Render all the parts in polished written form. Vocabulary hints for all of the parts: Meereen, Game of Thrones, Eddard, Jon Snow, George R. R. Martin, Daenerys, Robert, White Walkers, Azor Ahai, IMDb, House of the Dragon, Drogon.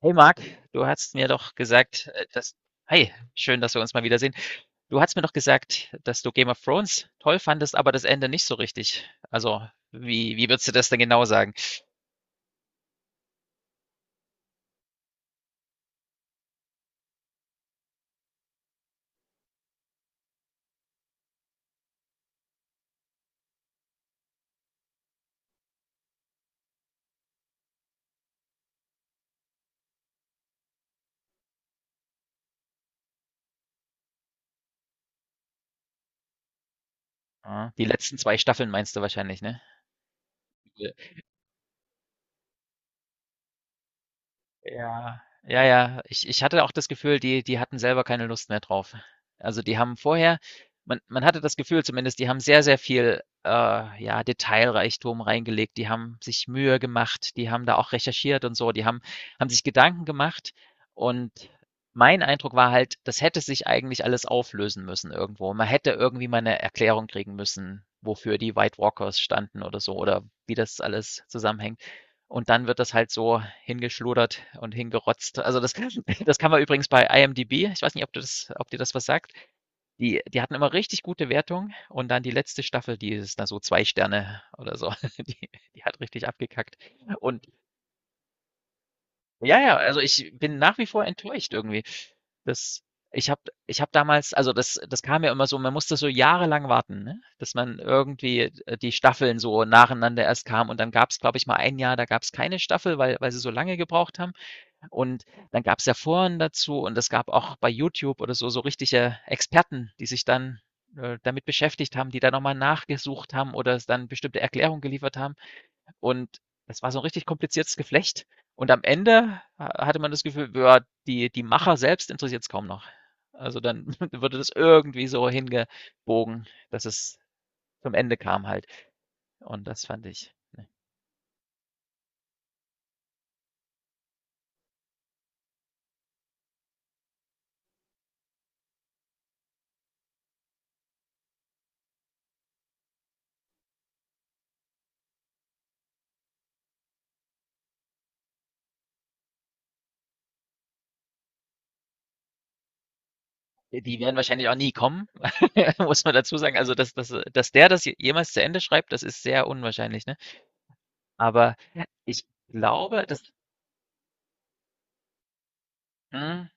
Hey Marc, du hast mir doch gesagt, dass. Hi, schön, dass wir uns mal wiedersehen. Du hast mir doch gesagt, dass du Game of Thrones toll fandest, aber das Ende nicht so richtig. Also, wie würdest du das denn genau sagen? Ah, die letzten zwei Staffeln meinst du wahrscheinlich, ne? Ja, ja, ja. Ich hatte auch das Gefühl, die die hatten selber keine Lust mehr drauf. Also, die haben vorher man hatte das Gefühl zumindest, die haben sehr, sehr viel, ja, Detailreichtum reingelegt. Die haben sich Mühe gemacht, die haben da auch recherchiert und so. Die haben sich Gedanken gemacht, und mein Eindruck war halt, das hätte sich eigentlich alles auflösen müssen irgendwo. Man hätte irgendwie mal eine Erklärung kriegen müssen, wofür die White Walkers standen oder so oder wie das alles zusammenhängt. Und dann wird das halt so hingeschludert und hingerotzt. Also das das kann man übrigens bei IMDb, ich weiß nicht, ob du das, ob dir das was sagt. Die hatten immer richtig gute Wertungen, und dann die letzte Staffel, die ist da so 2 Sterne oder so. Die die hat richtig abgekackt. Und ja, ja, also ich bin nach wie vor enttäuscht irgendwie. Das ich habe ich habe damals, also das das kam ja immer so, man musste so jahrelang warten, ne? Dass man irgendwie, die Staffeln so nacheinander erst kam. Und dann gab es, glaube ich, mal ein Jahr, da gab es keine Staffel, weil sie so lange gebraucht haben. Und dann gab's ja Foren dazu, und es gab auch bei YouTube oder so so richtige Experten, die sich dann, damit beschäftigt haben, die da nochmal nachgesucht haben oder es dann bestimmte Erklärungen geliefert haben. Und das war so ein richtig kompliziertes Geflecht. Und am Ende hatte man das Gefühl, ja, die die Macher selbst interessiert es kaum noch. Also, dann wurde das irgendwie so hingebogen, dass es zum Ende kam halt. Und das fand ich, die werden wahrscheinlich auch nie kommen, muss man dazu sagen. Also, dass dass dass der das jemals zu Ende schreibt, das ist sehr unwahrscheinlich, ne? Aber ich glaube, dass mhm.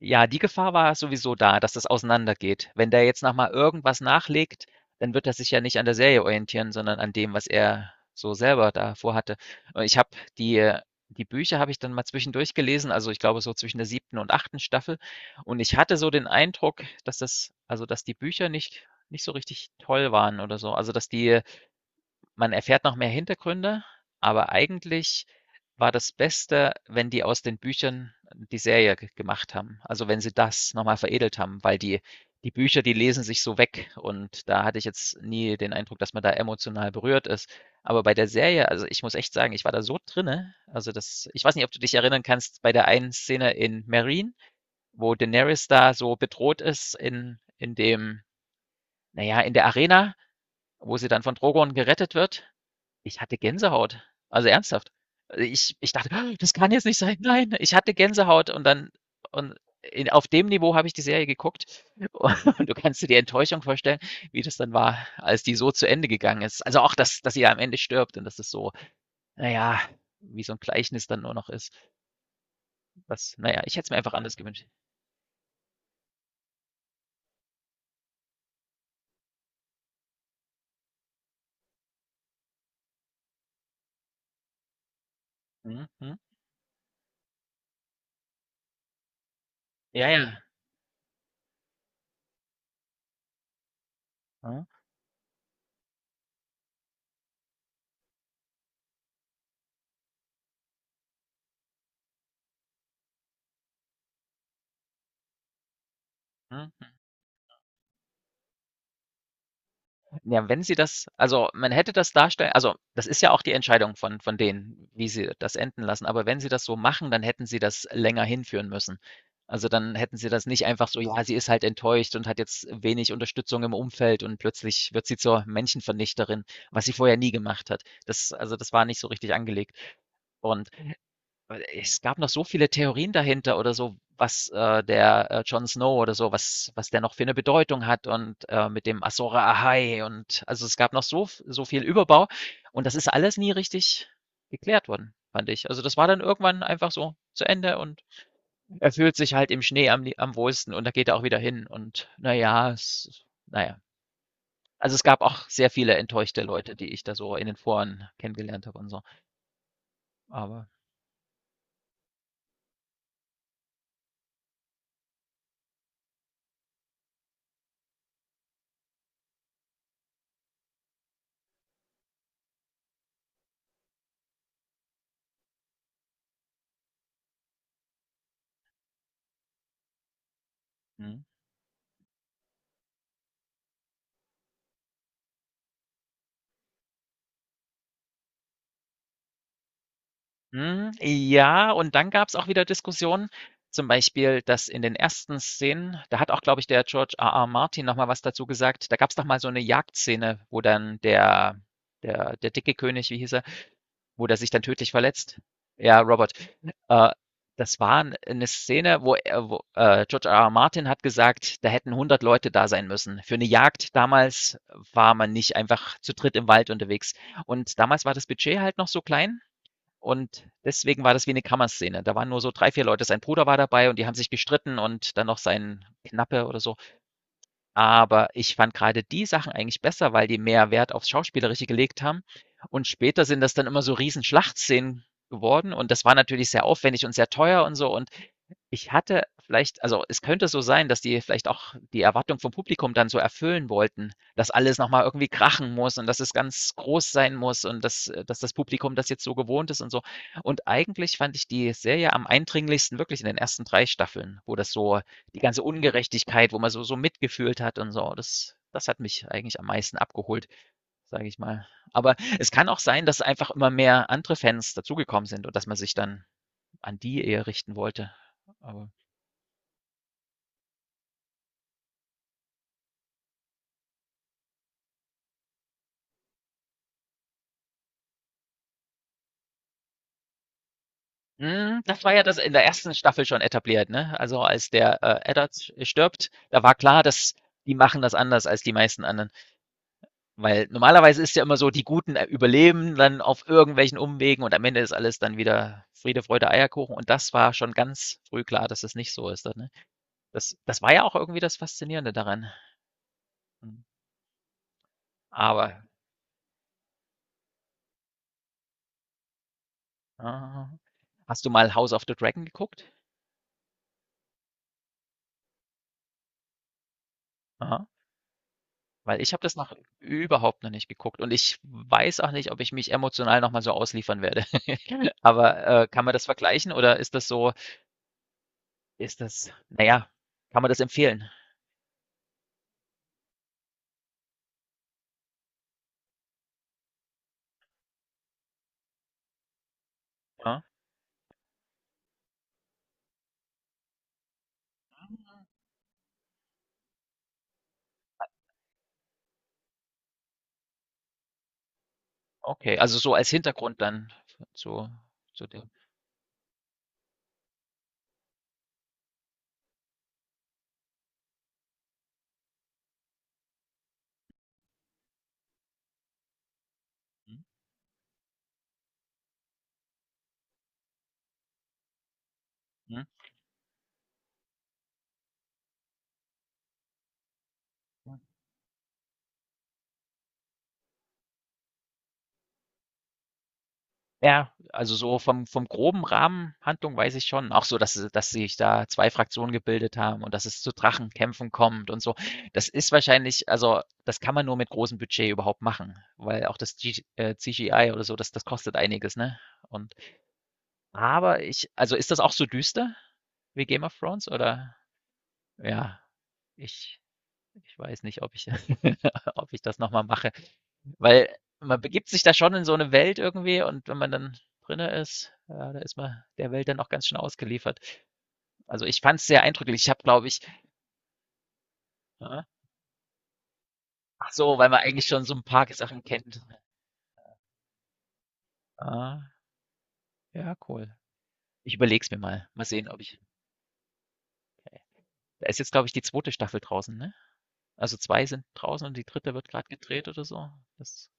Ja, die Gefahr war sowieso da, dass das auseinandergeht. Wenn der jetzt noch mal irgendwas nachlegt, dann wird er sich ja nicht an der Serie orientieren, sondern an dem, was er so selber da vorhatte. Und ich habe die die Bücher habe ich dann mal zwischendurch gelesen, also ich glaube so zwischen der siebten und achten Staffel. Und ich hatte so den Eindruck, dass das, also dass die Bücher nicht so richtig toll waren oder so. Also, dass die man erfährt noch mehr Hintergründe, aber eigentlich war das Beste, wenn die aus den Büchern die Serie g gemacht haben. Also, wenn sie das noch mal veredelt haben, weil die die Bücher, die lesen sich so weg, und da hatte ich jetzt nie den Eindruck, dass man da emotional berührt ist. Aber bei der Serie, also, ich muss echt sagen, ich war da so drinnen, also, das ich weiß nicht, ob du dich erinnern kannst bei der einen Szene in Meereen, wo Daenerys da so bedroht ist in dem, naja, in der Arena, wo sie dann von Drogon gerettet wird, ich hatte Gänsehaut. Also ernsthaft. Ich dachte: "Ah, „Das kann jetzt nicht sein. Nein!“ Ich hatte Gänsehaut und dann und in auf dem Niveau habe ich die Serie geguckt, und du kannst dir die Enttäuschung vorstellen, wie das dann war, als die so zu Ende gegangen ist. Also auch, dass dass sie am Ende stirbt und dass das so, naja, wie so ein Gleichnis dann nur noch ist, was, naja, ich hätte es mir einfach anders gewünscht. Mhm, mhm. Ja, ja. Mhm, mhm. Ja, wenn sie das, also, man hätte das darstellen, also, das ist ja auch die Entscheidung von denen, wie sie das enden lassen. Aber wenn sie das so machen, dann hätten sie das länger hinführen müssen. Also, dann hätten sie das nicht einfach so: „Ja, sie ist halt enttäuscht und hat jetzt wenig Unterstützung im Umfeld und plötzlich wird sie zur Menschenvernichterin“, was sie vorher nie gemacht hat. Das, also, das war nicht so richtig angelegt. Und weil es gab noch so viele Theorien dahinter oder so, was, der, Jon Snow oder so, was was der noch für eine Bedeutung hat, und, mit dem Azor Ahai, und also, es gab noch so so viel Überbau, und das ist alles nie richtig geklärt worden, fand ich. Also, das war dann irgendwann einfach so zu Ende, und er fühlt sich halt im Schnee am am wohlsten, und da geht er auch wieder hin, und na ja, es na ja. Also, es gab auch sehr viele enttäuschte Leute, die ich da so in den Foren kennengelernt habe und so, aber mhm. Hm, ja, und dann gab's auch wieder Diskussionen, zum Beispiel, dass in den ersten Szenen, da hat auch, glaube ich, der George R. R. Martin noch mal was dazu gesagt. Da gab's doch mal so 'ne Jagdszene, wo dann der der der dicke König, wie hieß er, wo der sich dann tödlich verletzt. Ja, Robert. Äh, Das war 'n 'ne Szene, wo er wo, George R.R. Martin hat gesagt, da hätten 100 Leute da sein müssen. Für 'ne Jagd damals war man nicht einfach zu dritt im Wald unterwegs. Und damals war das Budget halt noch so klein, und deswegen war das wie eine Kammerszene. Da waren nur so 3, 4 Leute. Sein Bruder war dabei und die haben sich gestritten und dann noch sein Knappe oder so. Aber ich fand gerade die Sachen eigentlich besser, weil die mehr Wert aufs Schauspielerische gelegt haben. Und später sind das dann immer so Riesen-Schlachtszenen geworden, und das war natürlich sehr aufwendig und sehr teuer und so, und ich hatte vielleicht, also, es könnte so sein, dass die vielleicht auch die Erwartung vom Publikum dann so erfüllen wollten, dass alles noch mal irgendwie krachen muss und dass es ganz groß sein muss und dass dass das Publikum das jetzt so gewohnt ist und so. Und eigentlich fand ich die Serie am eindringlichsten wirklich in den ersten 3 Staffeln, wo das so die ganze Ungerechtigkeit, wo man so so mitgefühlt hat und so, das das hat mich eigentlich am meisten abgeholt, sage ich mal. Aber es kann auch sein, dass einfach immer mehr andere Fans dazugekommen sind und dass man sich dann an die eher richten wollte, aber hm, das war ja das in der ersten Staffel schon etabliert, ne? Also als der Eddard stirbt, da war klar, dass die machen das anders als die meisten anderen. Weil normalerweise ist ja immer so, die Guten überleben dann auf irgendwelchen Umwegen und am Ende ist alles dann wieder Friede, Freude, Eierkuchen. Und das war schon ganz früh klar, dass es nicht so ist. Ne? Das, das war ja auch irgendwie das Faszinierende daran. Aber äh, hast du mal House of the Dragon geguckt? Ah. Weil ich habe das noch überhaupt noch nicht geguckt, und ich weiß auch nicht, ob ich mich emotional noch mal so ausliefern werde. Aber, kann man das vergleichen oder ist das so ist das, na ja, kann man das empfehlen? Ja? Okay, also so als Hintergrund dann zu zu dem, mhm, mhm. Ja, also so vom vom groben Rahmen Handlung weiß ich schon, auch so, dass sie dass sich da 2 Fraktionen gebildet haben und dass es zu Drachenkämpfen kommt und so. Das ist wahrscheinlich, also, das kann man nur mit großem Budget überhaupt machen, weil auch das G CGI oder so, das das kostet einiges, ne? Und aber ich, also, ist das auch so düster wie Game of Thrones oder ja, ich ich weiß nicht, ob ich ob ich das noch mal mache, weil man begibt sich da schon in so eine Welt irgendwie, und wenn man dann drinne ist, ja, da ist man der Welt dann auch ganz schön ausgeliefert. Also, ich fand es sehr eindrücklich. Ich habe, glaube ich, aha, ach so, weil man eigentlich schon so ein paar Sachen kennt. Ah, ja, cool. Ich überleg's mir mal. Mal sehen, ob ich da ist jetzt, glaube ich, die zweite Staffel draußen, ne? Also, 2 sind draußen und die dritte wird gerade gedreht oder so. Das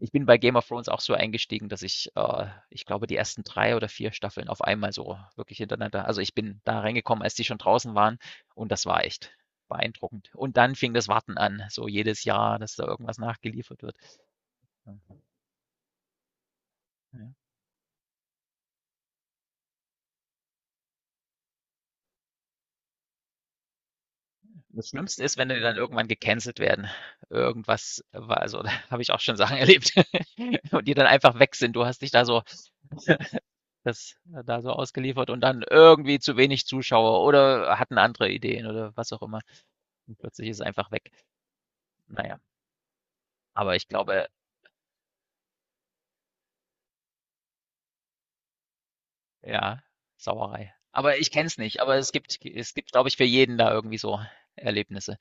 ich bin bei Game of Thrones auch so eingestiegen, dass ich, ich glaube, die ersten drei oder vier Staffeln auf einmal so wirklich hintereinander. Also ich bin da reingekommen, als die schon draußen waren, und das war echt beeindruckend. Und dann fing das Warten an, so jedes Jahr, dass da irgendwas nachgeliefert wird. Ja. Das Schlimmste ist, wenn die dann irgendwann gecancelt werden. Irgendwas war, also da habe ich auch schon Sachen erlebt und die dann einfach weg sind. Du hast dich da so das da so ausgeliefert und dann irgendwie zu wenig Zuschauer oder hatten andere Ideen oder was auch immer. Und plötzlich ist es einfach weg. Naja, aber ich glaube, ja, Sauerei. Aber ich kenn's nicht, aber es gibt, glaube ich, für jeden da irgendwie so Erlebnisse.